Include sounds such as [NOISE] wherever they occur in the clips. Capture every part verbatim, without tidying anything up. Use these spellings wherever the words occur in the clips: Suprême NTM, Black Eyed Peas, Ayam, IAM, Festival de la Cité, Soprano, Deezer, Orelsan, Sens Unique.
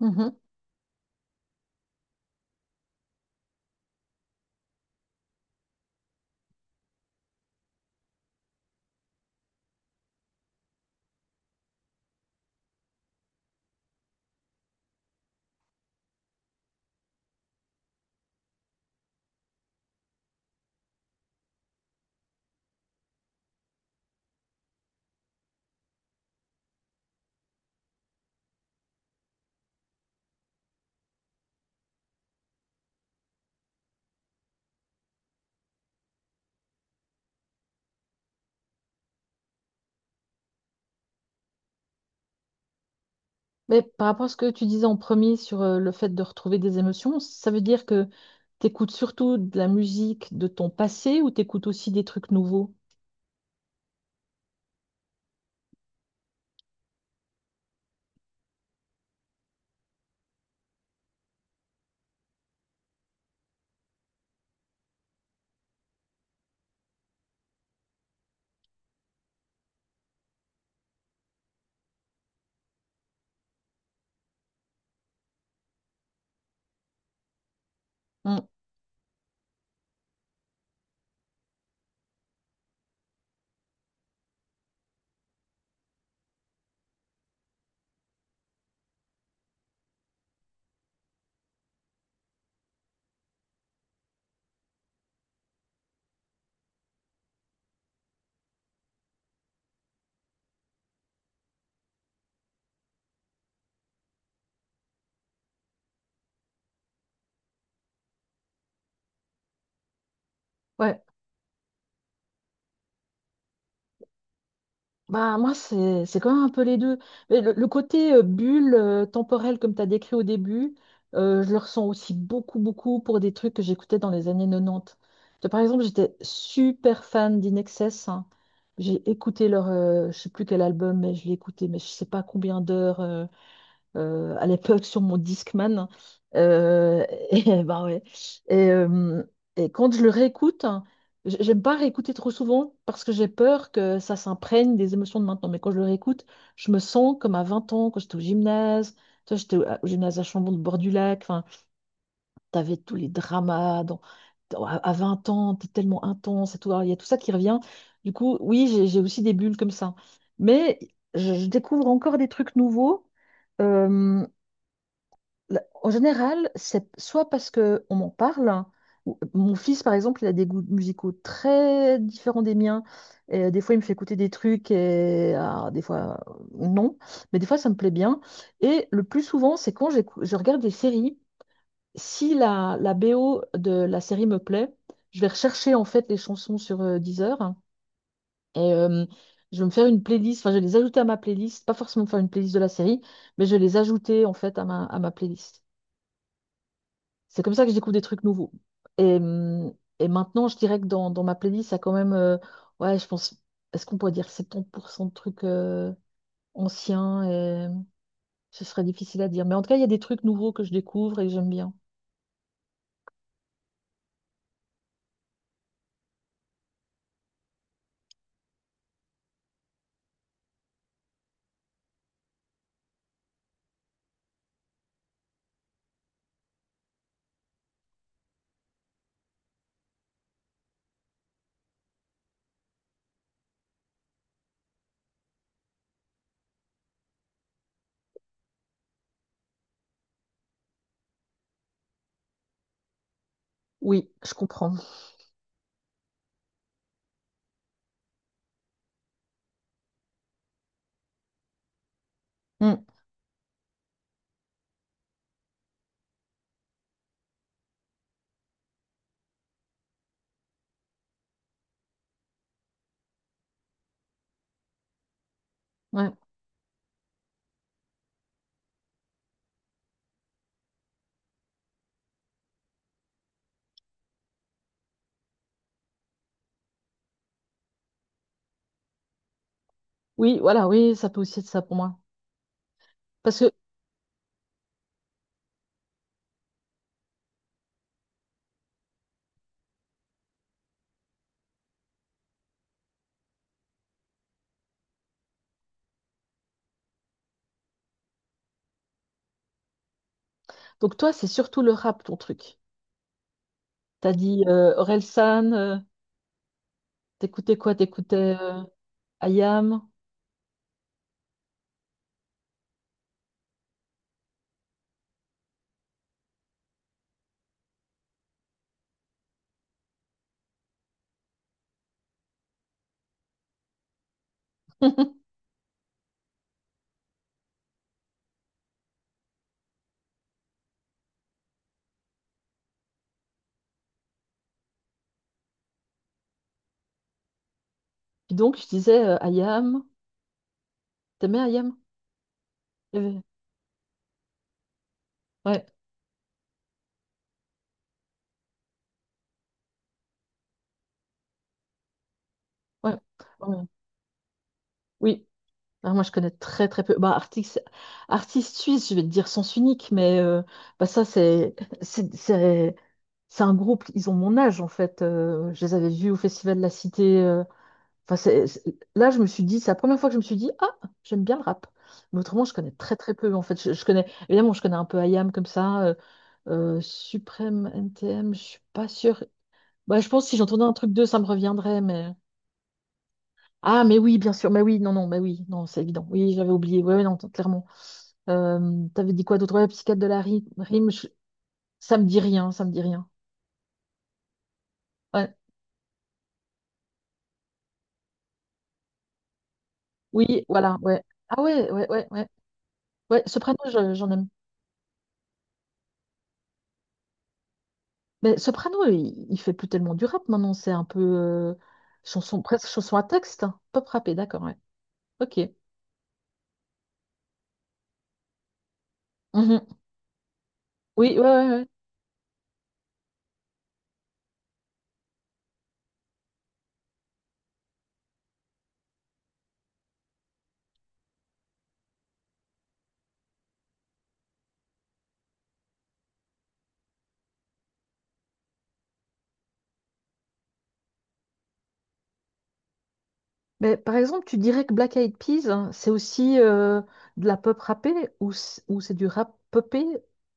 Mhm. Mais par rapport à ce que tu disais en premier sur euh, le fait de retrouver des émotions, ça veut dire que t'écoutes surtout de la musique de ton passé ou t'écoutes aussi des trucs nouveaux? Mm. Ouais. Bah moi c'est c'est quand même un peu les deux. Mais le, le côté euh, bulle euh, temporelle comme tu as décrit au début, euh, je le ressens aussi beaucoup beaucoup pour des trucs que j'écoutais dans les années quatre-vingt-dix. Tu vois, par exemple, j'étais super fan d'In hein. J'ai écouté leur, euh, je sais plus quel album, mais je l'ai écouté, mais je sais pas combien d'heures, euh, à l'époque sur mon Discman. Euh, [LAUGHS] et bah ouais. Et, euh, et quand je le réécoute, hein, j- j'aime pas réécouter trop souvent parce que j'ai peur que ça s'imprègne des émotions de maintenant. Mais quand je le réécoute, je me sens comme à vingt ans, quand j'étais au gymnase. Tu vois, j'étais au au gymnase à Chambon, de bord du lac. Enfin, t'avais tous les dramas. dans- dans- à à vingt ans, t'es tellement intense et tout. Alors, il y a tout ça qui revient. Du coup, oui, j'ai j'ai aussi des bulles comme ça. Mais je je découvre encore des trucs nouveaux. euh, la- En général, c'est soit parce que on m'en parle, hein, ou- euh, mon fils par exemple, il a des goûts musicaux très différents des miens, et euh, des fois il me fait écouter des trucs, et ah, des fois euh, non, mais des fois ça me plaît bien. Et le plus souvent, c'est quand j'écou- je regarde des séries, si la, la B O de la série me plaît, je vais rechercher en fait les chansons sur euh, Deezer, hein, et euh, je vais me faire une playlist, enfin je vais les ajouter à ma playlist, pas forcément faire une playlist de la série, mais je vais les ajouter en fait à ma, à ma playlist. C'est comme ça que je découvre des trucs nouveaux. Et, hum, et maintenant, je dirais que dans, dans ma playlist, ça a quand même, euh, ouais, je pense, est-ce qu'on pourrait dire soixante-dix pour cent de trucs euh, anciens et ce serait difficile à dire. Mais en tout cas, il y a des trucs nouveaux que je découvre et que j'aime bien. Oui, je comprends. Hmm, ouais. Oui, voilà, oui, ça peut aussi être ça pour moi. Parce que, donc toi, c'est surtout le rap, ton truc. T'as dit euh, Orelsan, euh, t'écoutais quoi? T'écoutais euh, I A M? [LAUGHS] Puis donc, je disais euh, Ayam. T'aimais Ayam? Il y avait- Ouais, ouais, ouais. Oui. Alors, moi, je connais très, très peu. Bah, artiste, artiste suisse, je vais te dire sens unique, mais euh, bah, ça, c'est c'est- c'est- c'est un groupe, ils ont mon âge, en fait. Euh, je les avais vus au Festival de la Cité. euh. Enfin, c'est- c'est- là, je me suis dit, c'est la première fois que je me suis dit, ah, j'aime bien le rap. Mais autrement, je connais très, très peu, en fait. Je, je connais, évidemment, je connais un peu Ayam comme ça. euh, euh, Suprême N T M. Je suis pas sûre. Bah, je pense que si j'entendais un truc d'eux, ça me reviendrait, mais... Ah, mais oui, bien sûr, mais oui, non, non, mais oui, non, c'est évident. Oui, j'avais oublié, oui, non, t- clairement. Euh, t'avais dit quoi d'autre? Ouais, psychiatre de la ri- rime, je- ça me dit rien, ça me dit rien. Ouais. Oui, voilà, ouais. Ah ouais, ouais, ouais, ouais. Ouais, Soprano, je- j'en aime. Mais Soprano, il, il fait plus tellement du rap maintenant, c'est un peu euh, chanson, presque chanson à texte. Hein. Pop rappé, d'accord, ouais. Ok. Mhm. Oui, ouais, ouais, ouais. Mais par exemple, tu dirais que Black Eyed Peas, hein, c'est aussi euh, de la pop rappée ou c- ou c'est du rap popé?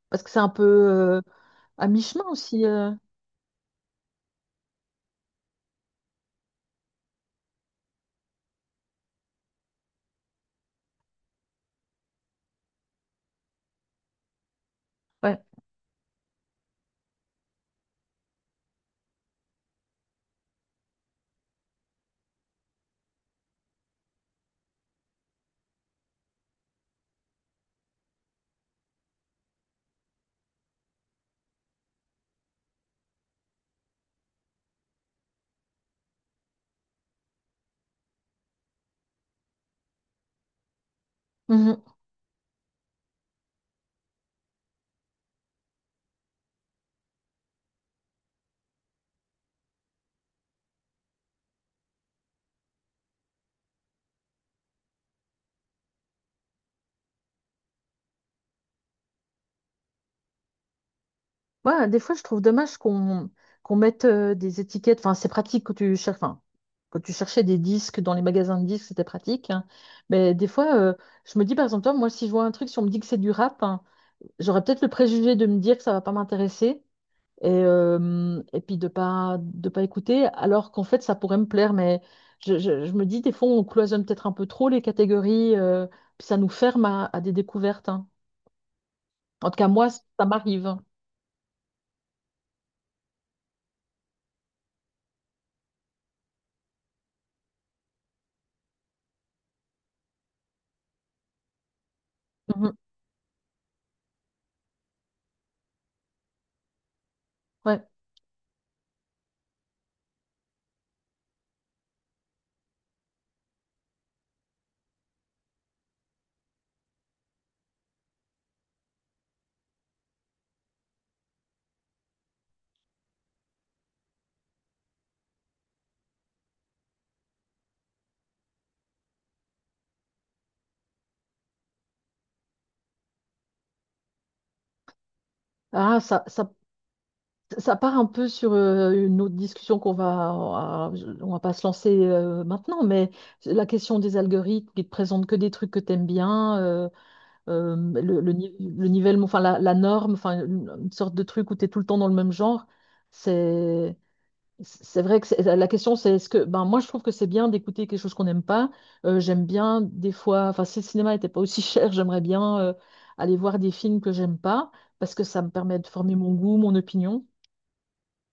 Parce que c'est un peu euh, à mi-chemin aussi. euh. Ouais. Mhm. Ouais, des fois, je trouve dommage qu'on qu'on mette euh, des étiquettes. Enfin, c'est pratique quand tu cherches. Enfin, quand tu cherchais des disques dans les magasins de disques, c'était pratique. Hein. Mais des fois, euh, je me dis, par exemple, toi, moi, si je vois un truc, si on me dit que c'est du rap, hein, j'aurais peut-être le préjugé de me dire que ça va pas m'intéresser, et, euh, et puis de pas de pas écouter alors qu'en fait ça pourrait me plaire mais je, je- je me dis des fois on cloisonne peut-être un peu trop les catégories euh, puis ça nous ferme à, à des découvertes hein. En tout cas moi ça m'arrive. Mhm. Ouais. Ah ça, ça ça part un peu sur euh, une autre discussion qu'on va, on va pas se lancer euh, maintenant mais la question des algorithmes qui te présentent que des trucs que t'aimes bien, euh, le, le, ni- le nivellement, enfin la, la norme, enfin une une sorte de truc où tu es tout le temps dans le même genre, c'est c'est vrai que c'est- la question c'est est-ce que ben moi je trouve que c'est bien d'écouter quelque chose qu'on n'aime pas. Euh, j'aime bien des fois, enfin si le cinéma n'était pas aussi [LAUGHS] cher, j'aimerais bien euh, aller voir des films que j'aime pas parce que ça me permet de former mon goût, mon opinion,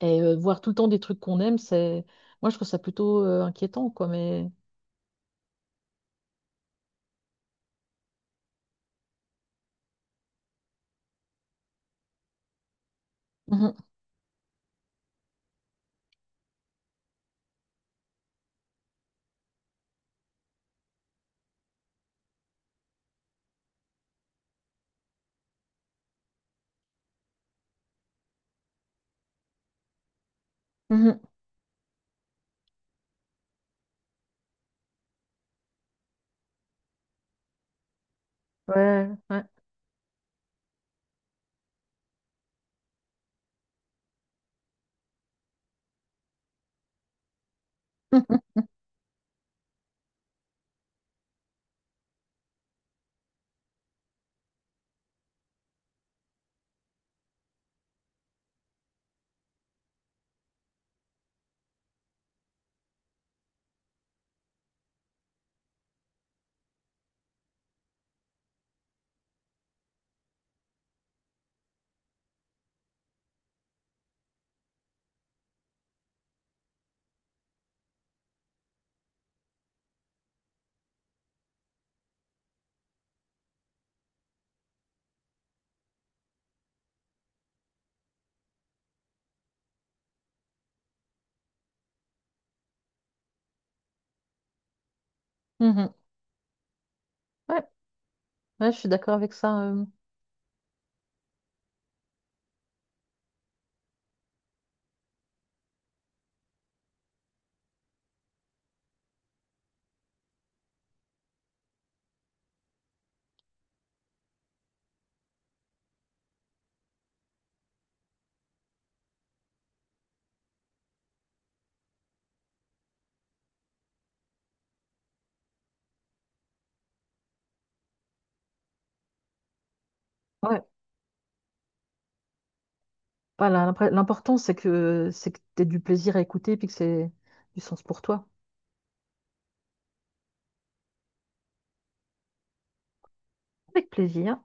et euh, voir tout le temps des trucs qu'on aime, c'est, moi je trouve ça plutôt euh, inquiétant quoi mais. Mhm, mhm. Ouais ouais. [LAUGHS] Mhm, mhm. Ouais, ouais, je suis d'accord avec ça euh. Ouais. Voilà, l'impré- l'important, c'est que c'est que tu aies du plaisir à écouter et puis que c'est du sens pour toi. Avec plaisir.